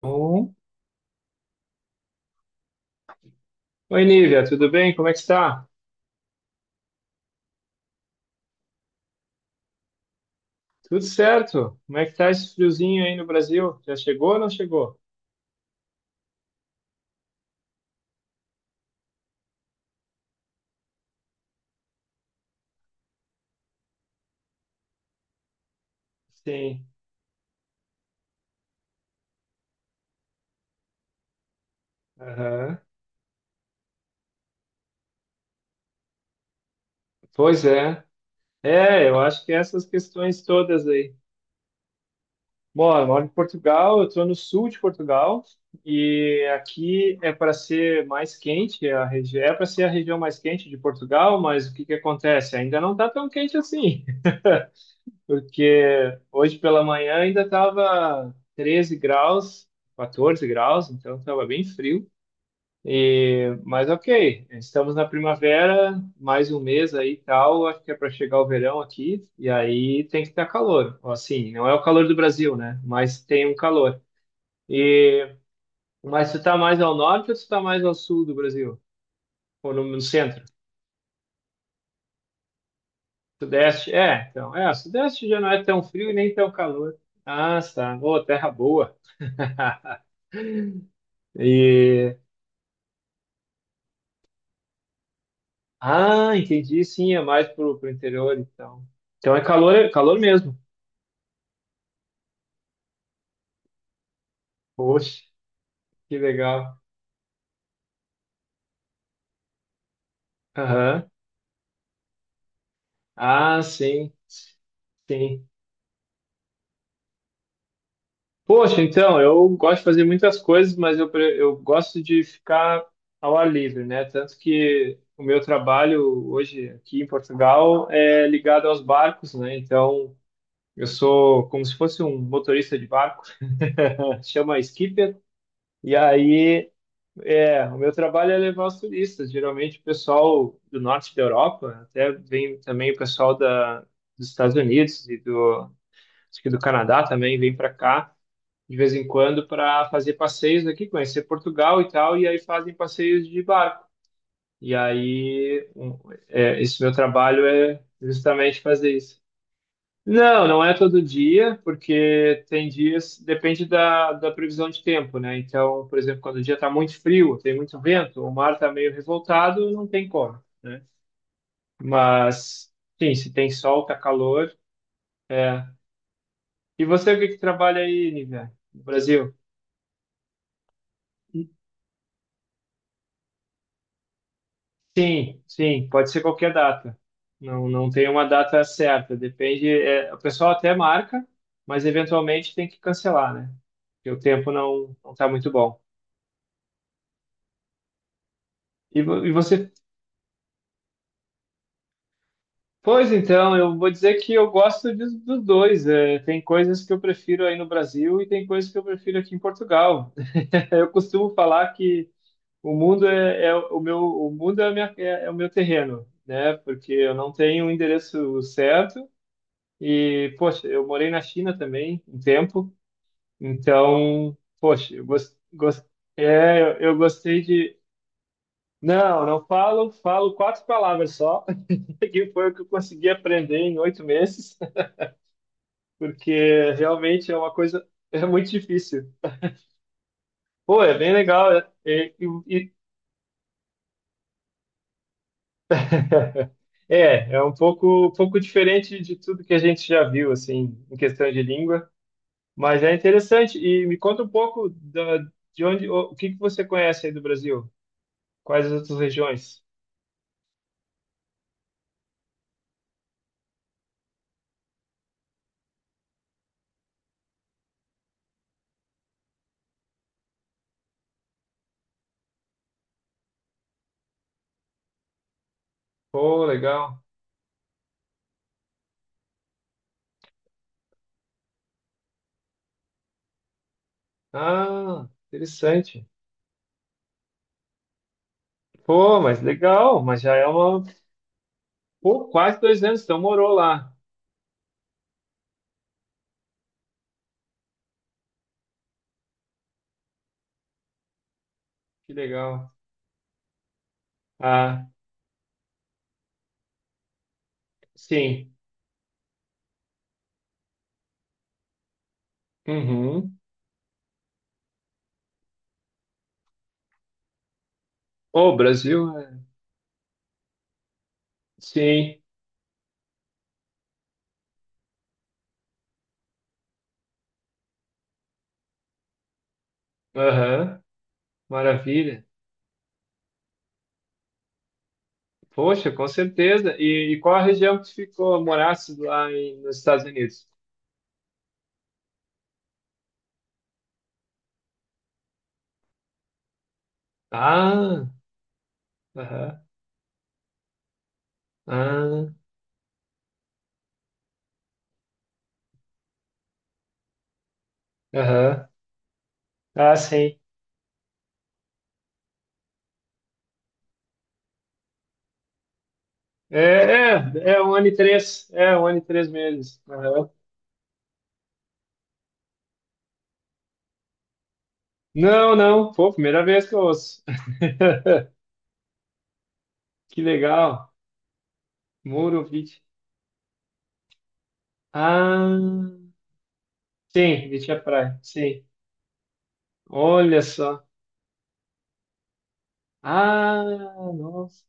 Bom. Oi, Nívia, tudo bem? Como é que está? Tudo certo? Como é que está esse friozinho aí no Brasil? Já chegou ou não chegou? Sim. Aham. Pois é. É, eu acho que é essas questões todas aí. Bom, eu moro em Portugal, eu estou no sul de Portugal e aqui é para ser mais quente, é a região, é para ser a região mais quente de Portugal, mas o que que acontece? Ainda não está tão quente assim, porque hoje pela manhã ainda estava 13 graus, 14 graus, então estava bem frio. E, mas ok, estamos na primavera, mais um mês aí e tal, acho que é para chegar o verão aqui, e aí tem que estar calor. Assim, não é o calor do Brasil, né? Mas tem um calor. E, mas tu tá mais ao norte ou tu tá mais ao sul do Brasil? Ou no centro? Sudeste? É, então, é, o Sudeste já não é tão frio e nem tão calor. Ah, tá. Ô, terra boa. E ah, entendi, sim, é mais pro interior, então. Então é calor mesmo. Poxa, que legal. Aham. Ah, sim, sim. Poxa, então, eu gosto de fazer muitas coisas, mas eu, eu gosto de ficar ao ar livre, né? Tanto que o meu trabalho hoje aqui em Portugal é ligado aos barcos, né? Então, eu sou como se fosse um motorista de barco, chama skipper. E aí. É, o meu trabalho é levar os turistas. Geralmente o pessoal do norte da Europa, até vem também o pessoal da, dos Estados Unidos e do, acho que do Canadá também vem para cá de vez em quando para fazer passeios aqui, conhecer Portugal e tal, e aí fazem passeios de barco. E aí um, é, esse meu trabalho é justamente fazer isso. Não, não é todo dia, porque tem dias, depende da previsão de tempo, né? Então, por exemplo, quando o dia está muito frio, tem muito vento, o mar está meio revoltado, não tem como, né? Mas, sim, se tem sol, tá calor, é. E você, o que que trabalha aí, Nívia, no Brasil? Sim, sim, pode ser qualquer data. Não, não tem uma data certa, depende. É, o pessoal até marca, mas eventualmente tem que cancelar, né? Porque o tempo não está muito bom. E você. Pois então, eu vou dizer que eu gosto dos dois. É, tem coisas que eu prefiro aí no Brasil e tem coisas que eu prefiro aqui em Portugal. Eu costumo falar que o mundo é, é o meu, o mundo é, é o meu terreno, né? Porque eu não tenho um endereço certo e, poxa, eu morei na China também um tempo, então, poxa, eu é, eu gostei de. Não, não falo quatro palavras só, que foi o que eu consegui aprender em 8 meses, porque realmente é uma coisa, é muito difícil. Pô, é bem legal. É, é, é, é um pouco diferente de tudo que a gente já viu, assim, em questão de língua, mas é interessante. E me conta um pouco da, de onde, o que que você conhece aí do Brasil? Quais as outras regiões? Pô, legal. Ah, interessante. Pô, mas legal, mas já é uma... Pô, quase 2 anos, então morou lá. Que legal. Ah, sim. Uhum. Ô, Brasil, é. Sim, aham. Maravilha. Poxa, com certeza. E qual a região que tu ficou, morasse lá nos Estados Unidos? Ah, aham, ah, aham, ah, sim. É, é, é um ano e três, é um ano e 3 meses. Aham. Não, não, pô, primeira vez que eu ouço. Que legal, Muro Beach. Ah, sim, Beach é praia, sim. Olha só. Ah, nossa,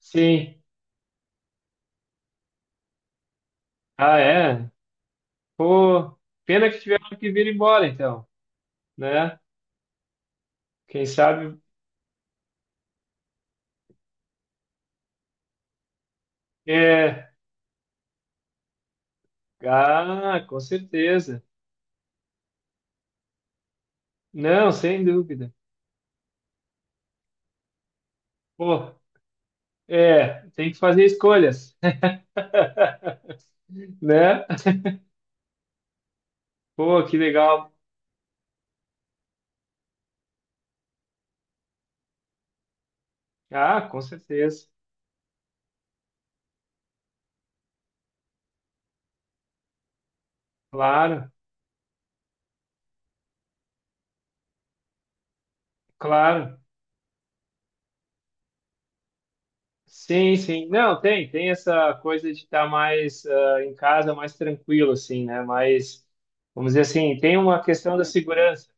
sim. Ah, é? Pô, pena que tiveram que vir embora, então, né? Quem sabe. É. Ah, com certeza. Não, sem dúvida. Pô, é, tem que fazer escolhas, né? Pô, que legal. Ah, com certeza. Claro, claro. Sim, sim. Não, tem essa coisa de estar mais ah, em casa, mais tranquilo, assim, né? Mas, vamos dizer assim, tem uma questão da segurança.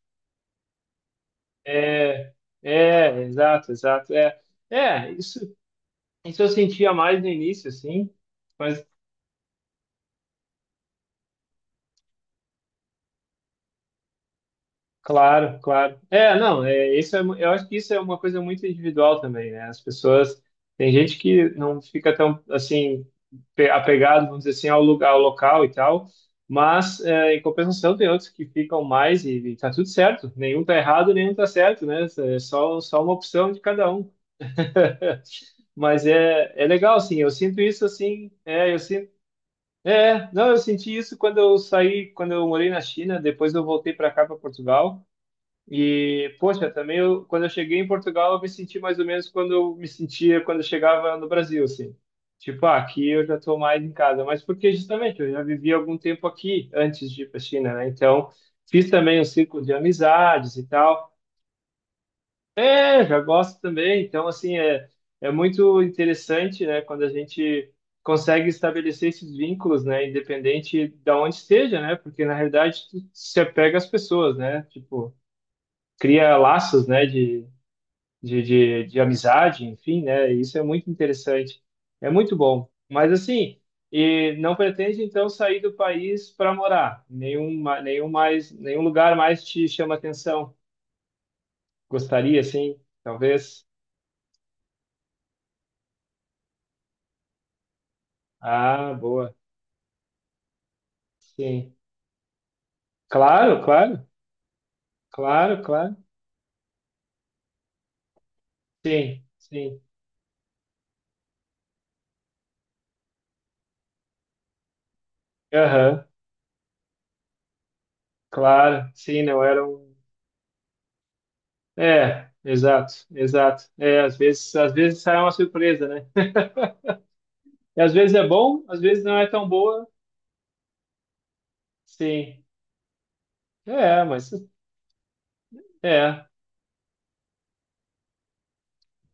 É, é, exato, exato. É, é, isso eu sentia mais no início, assim, mas claro, claro. É, não, é, isso é, eu acho que isso é uma coisa muito individual também, né? As pessoas, tem gente que não fica tão, assim, apegado, vamos dizer assim, ao lugar, ao local e tal, mas é, em compensação tem outros que ficam mais e tá tudo certo, nenhum tá errado, nenhum tá certo, né? É só uma opção de cada um. Mas é, é legal, assim, eu sinto isso, assim, é, eu sinto. É, não, eu senti isso quando eu saí, quando eu morei na China, depois eu voltei para cá, para Portugal. E, poxa, também eu, quando eu cheguei em Portugal, eu me senti mais ou menos quando eu me sentia quando eu chegava no Brasil, assim. Tipo, ah, aqui eu já estou mais em casa, mas porque justamente eu já vivi algum tempo aqui antes de ir para a China, né? Então, fiz também um círculo de amizades e tal. É, já gosto também. Então, assim, é, é muito interessante, né, quando a gente consegue estabelecer esses vínculos, né, independente da onde esteja, né, porque na realidade tu se apega às pessoas, né, tipo, cria laços, né, de amizade, enfim, né, e isso é muito interessante. É muito bom. Mas, assim, e não pretende, então, sair do país para morar? Nenhum, nenhum mais, nenhum lugar mais te chama atenção? Gostaria, sim, talvez? Ah, boa. Sim. Claro, claro, claro, claro. Sim, sim. Aham, claro. Sim, não era um. É, exato, exato. É, às vezes sai uma surpresa, né? E às vezes é bom, às vezes não é tão boa. Sim. É, mas é.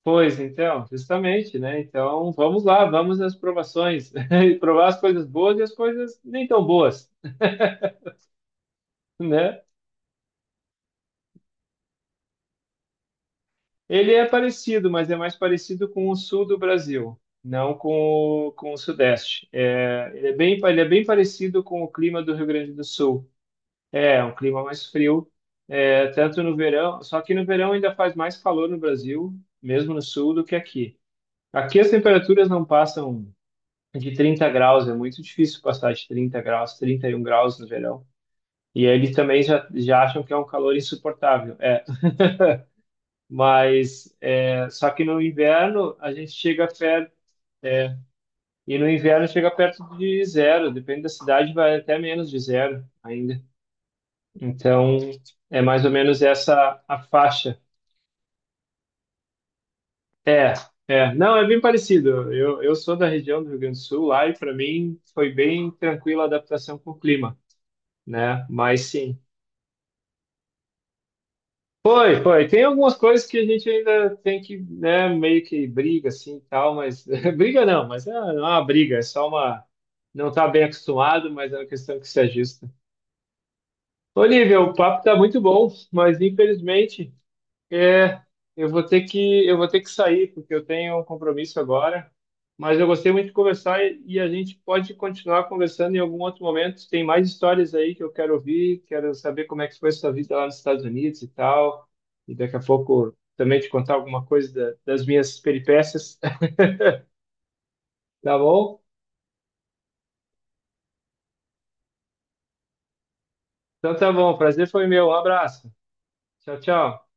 Pois então, justamente, né? Então, vamos lá, vamos às provações. E provar as coisas boas e as coisas nem tão boas, né? Ele é parecido, mas é mais parecido com o sul do Brasil, não com o sudeste. É, ele é bem parecido com o clima do Rio Grande do Sul. É, é um clima mais frio, é, tanto no verão, só que no verão ainda faz mais calor no Brasil, mesmo no sul, do que aqui. Aqui as temperaturas não passam de 30 graus, é muito difícil passar de 30 graus, 31 graus no verão. E eles também já acham que é um calor insuportável. É, mas é, só que no inverno a gente chega a. E no inverno chega perto de zero, depende da cidade, vai até menos de zero ainda. Então, é mais ou menos essa a faixa. É, é. Não, é bem parecido. Eu sou da região do Rio Grande do Sul, lá e para mim foi bem tranquila a adaptação com o clima, né? Mas sim. Foi, foi. Tem algumas coisas que a gente ainda tem que, né, meio que briga assim e tal, mas briga não, mas é, não é uma briga, é só uma. Não está bem acostumado, mas é uma questão que se ajusta. Olívia, o papo tá muito bom, mas infelizmente é, eu vou ter que sair porque eu tenho um compromisso agora. Mas eu gostei muito de conversar e a gente pode continuar conversando em algum outro momento. Tem mais histórias aí que eu quero ouvir, quero saber como é que foi a sua vida lá nos Estados Unidos e tal. E daqui a pouco também te contar alguma coisa das minhas peripécias, tá bom? Então tá bom, prazer foi meu, um abraço. Tchau, tchau.